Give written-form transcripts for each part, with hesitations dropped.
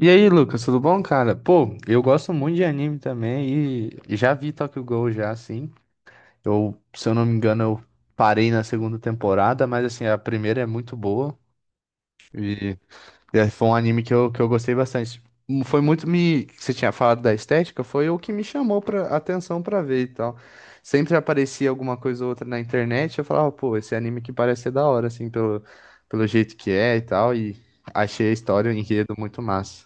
E aí, Lucas, tudo bom, cara? Pô, eu gosto muito de anime também e já vi Tokyo Ghoul já, assim. Se eu não me engano, eu parei na segunda temporada, mas assim, a primeira é muito boa e foi um anime que eu gostei bastante. Você tinha falado da estética, foi o que me chamou pra atenção pra ver e tal. Sempre aparecia alguma coisa ou outra na internet, eu falava, pô, esse anime que parece ser da hora, assim, pelo jeito que é e tal, e achei a história, o enredo muito massa.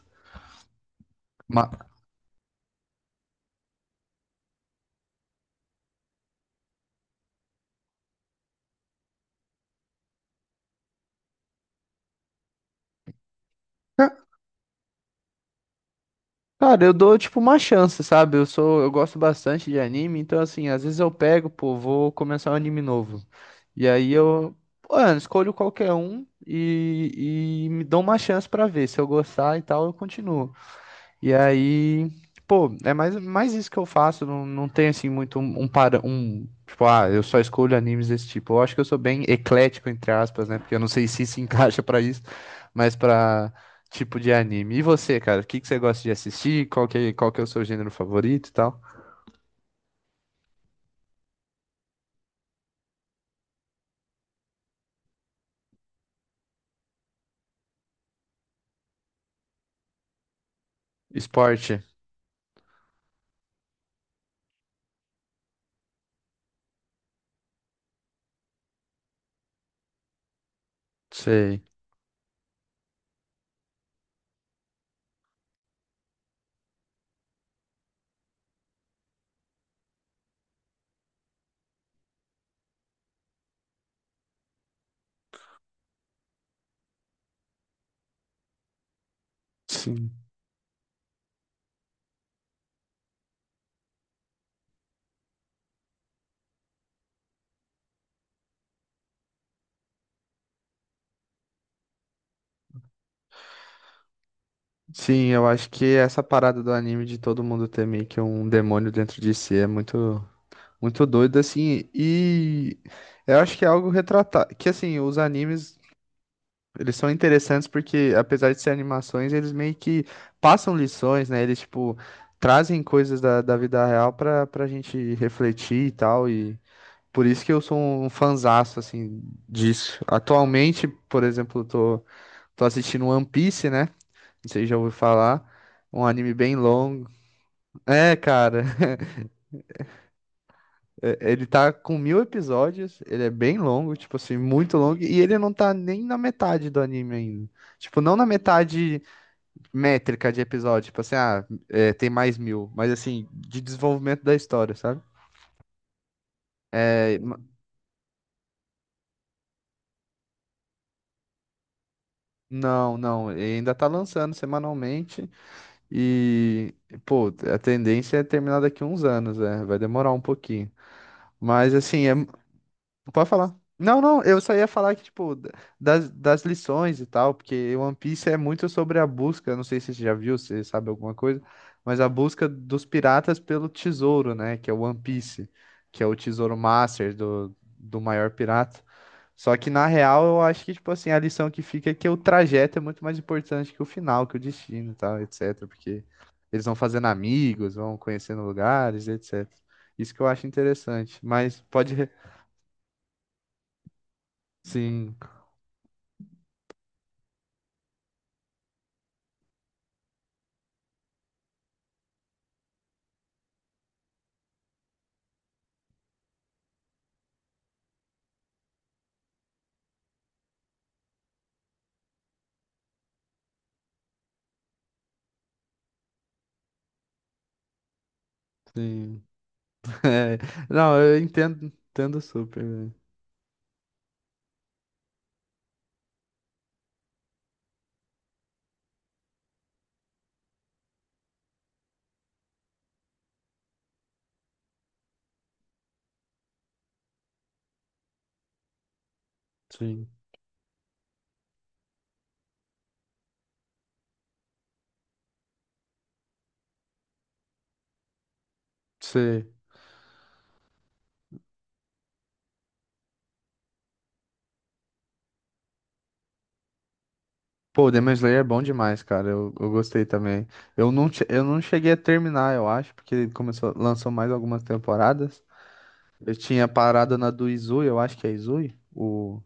Ma- Cara, eu dou tipo uma chance, sabe? Eu gosto bastante de anime, então assim, às vezes eu pego, pô, vou começar um anime novo. E aí eu, pô, eu escolho qualquer um e me dou uma chance pra ver. Se eu gostar e tal, eu continuo. E aí, pô, é mais isso que eu faço. Não tem assim muito um para um. Tipo, ah, eu só escolho animes desse tipo. Eu acho que eu sou bem eclético, entre aspas, né? Porque eu não sei se encaixa pra isso, mas pra tipo de anime. E você, cara? O que você gosta de assistir? Qual que é o seu gênero favorito e tal? Esporte? Sei. Sim. Sim, eu acho que essa parada do anime de todo mundo ter meio que um demônio dentro de si é muito. Muito doido, assim, e eu acho que é algo retratado, que assim, os animes, eles são interessantes porque, apesar de ser animações, eles meio que passam lições, né, eles, tipo, trazem coisas da vida real pra gente refletir e tal, e por isso que eu sou um fanzaço, assim, disso. Atualmente, por exemplo, eu tô assistindo One Piece, né, não sei se já ouviu falar, um anime bem longo, é, cara. É, ele tá com 1000 episódios, ele é bem longo, tipo assim, muito longo, e ele não tá nem na metade do anime ainda. Tipo, não na metade métrica de episódio, tipo assim, ah, é, tem mais mil, mas assim, de desenvolvimento da história, sabe? É, não, ele ainda tá lançando semanalmente e, pô, a tendência é terminar daqui uns anos, é, vai demorar um pouquinho. Mas assim, é, pode falar. Não, não, eu só ia falar que, tipo, das lições e tal, porque One Piece é muito sobre a busca, não sei se você já viu, se sabe alguma coisa, mas a busca dos piratas pelo tesouro, né, que é o One Piece, que é o tesouro master do, do maior pirata. Só que, na real, eu acho que, tipo assim, a lição que fica é que o trajeto é muito mais importante que o final, que o destino e tal, etc, porque eles vão fazendo amigos, vão conhecendo lugares, etc. Isso que eu acho interessante, mas sim. Sim. É. Não, eu entendo, entendo super, velho. Sim. Você... Pô, Demon Slayer é bom demais, cara. Eu gostei também. Eu não cheguei a terminar, eu acho, porque ele começou, lançou mais algumas temporadas. Eu tinha parado na do Izui, eu acho que é Izui,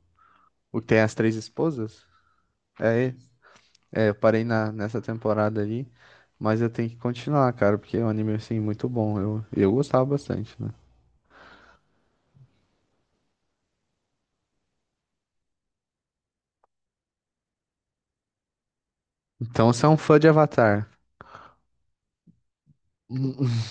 o que tem as três esposas. É, ele. É, eu parei na, nessa temporada ali. Mas eu tenho que continuar, cara, porque é um anime, assim, muito bom. Eu gostava bastante, né? Então, você é um fã de Avatar.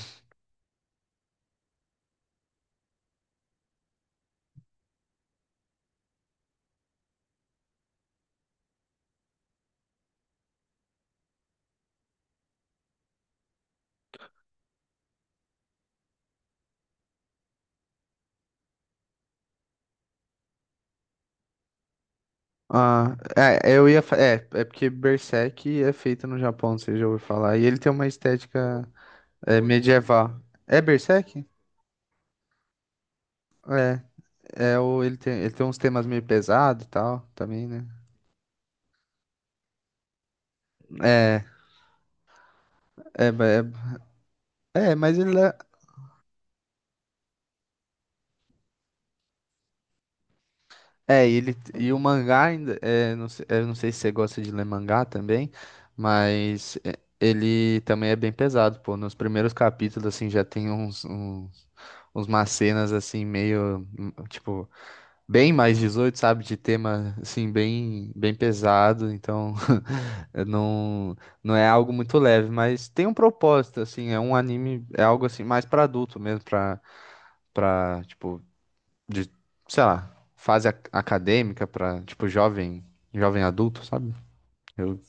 Ah, é, é, é porque Berserk é feito no Japão, você já ouviu falar. E ele tem uma estética é, medieval. É Berserk? É. É, ele tem uns temas meio pesados e tal, também, né? É, é, ba- é, mas ele é. É, ele, e o mangá ainda. É, não, eu não sei se você gosta de ler mangá também, mas é, ele também é bem pesado, pô. Nos primeiros capítulos, assim, já tem uns, umas cenas, assim, meio. Tipo. Bem mais 18, sabe? De tema assim bem pesado, então eu não, não é algo muito leve, mas tem um propósito assim, é um anime, é algo assim mais para adulto mesmo, para para tipo de, sei lá, fase acadêmica, para tipo jovem, jovem adulto, sabe? Eu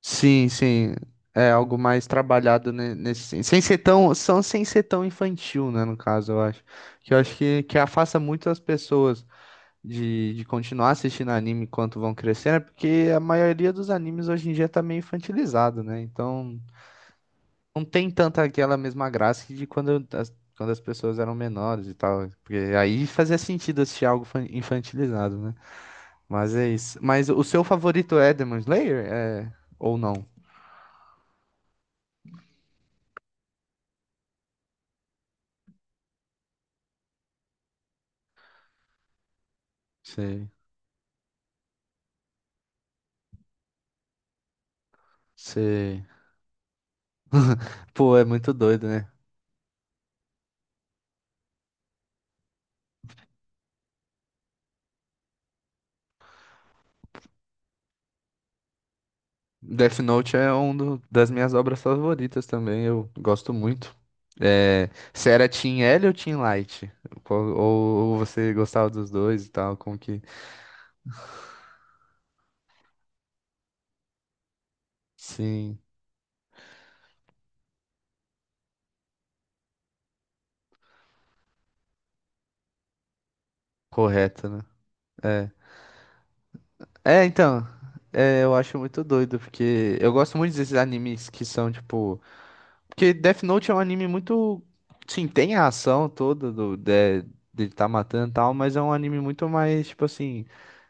sim, sim. É algo mais trabalhado sem ser tão, são sem ser tão infantil, né, no caso, eu acho. Que eu acho que afasta muito as pessoas de continuar assistindo anime enquanto vão crescendo, é porque a maioria dos animes hoje em dia tá meio infantilizado, né? Então não tem tanta aquela mesma graça que de quando quando as pessoas eram menores e tal. Porque aí fazia sentido assistir algo infantilizado, né? Mas é isso. Mas o seu favorito é Demon Slayer? É... Ou não? Sei, sei. Pô, é muito doido, né? Death Note é uma das minhas obras favoritas também, eu gosto muito. É, você era Team L ou Team Light? Ou você gostava dos dois e tal, como que... Sim, correto, né? É, é então, é, eu acho muito doido, porque eu gosto muito desses animes que são, tipo, porque Death Note é um anime muito. Sim, tem a ação toda do, de tá matando e tal, mas é um anime muito mais, tipo assim.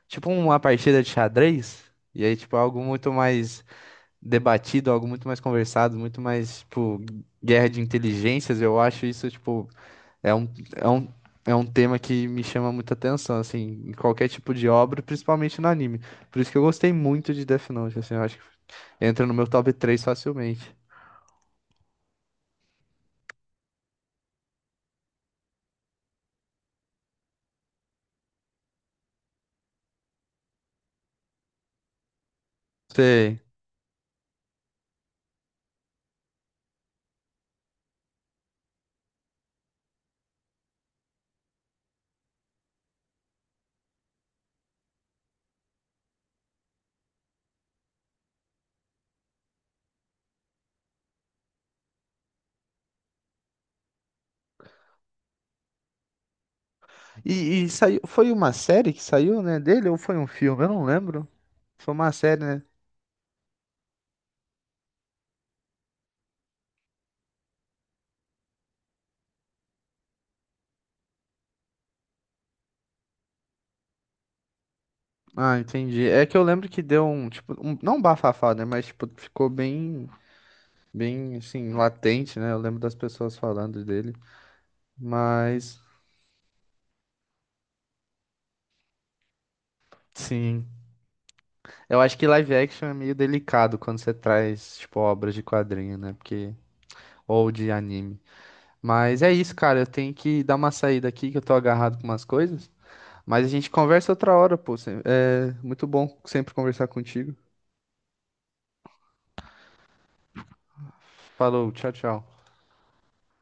Tipo uma partida de xadrez. E aí, tipo, algo muito mais debatido, algo muito mais conversado, muito mais, tipo, guerra de inteligências. Eu acho isso, tipo, é um, é um, é um tema que me chama muita atenção, assim, em qualquer tipo de obra, principalmente no anime. Por isso que eu gostei muito de Death Note, assim, eu acho que entra no meu top 3 facilmente. Sei. E saiu, foi uma série que saiu, né, dele ou foi um filme? Eu não lembro. Foi uma série, né? Ah, entendi. É que eu lembro que deu um, tipo, um, não um bafafá, né, mas tipo, ficou bem, bem assim, latente, né? Eu lembro das pessoas falando dele. Mas sim, eu acho que live action é meio delicado quando você traz, tipo, obras de quadrinho, né? Porque ou de anime. Mas é isso, cara, eu tenho que dar uma saída aqui que eu tô agarrado com umas coisas. Mas a gente conversa outra hora, pô. É muito bom sempre conversar contigo. Falou, tchau, tchau.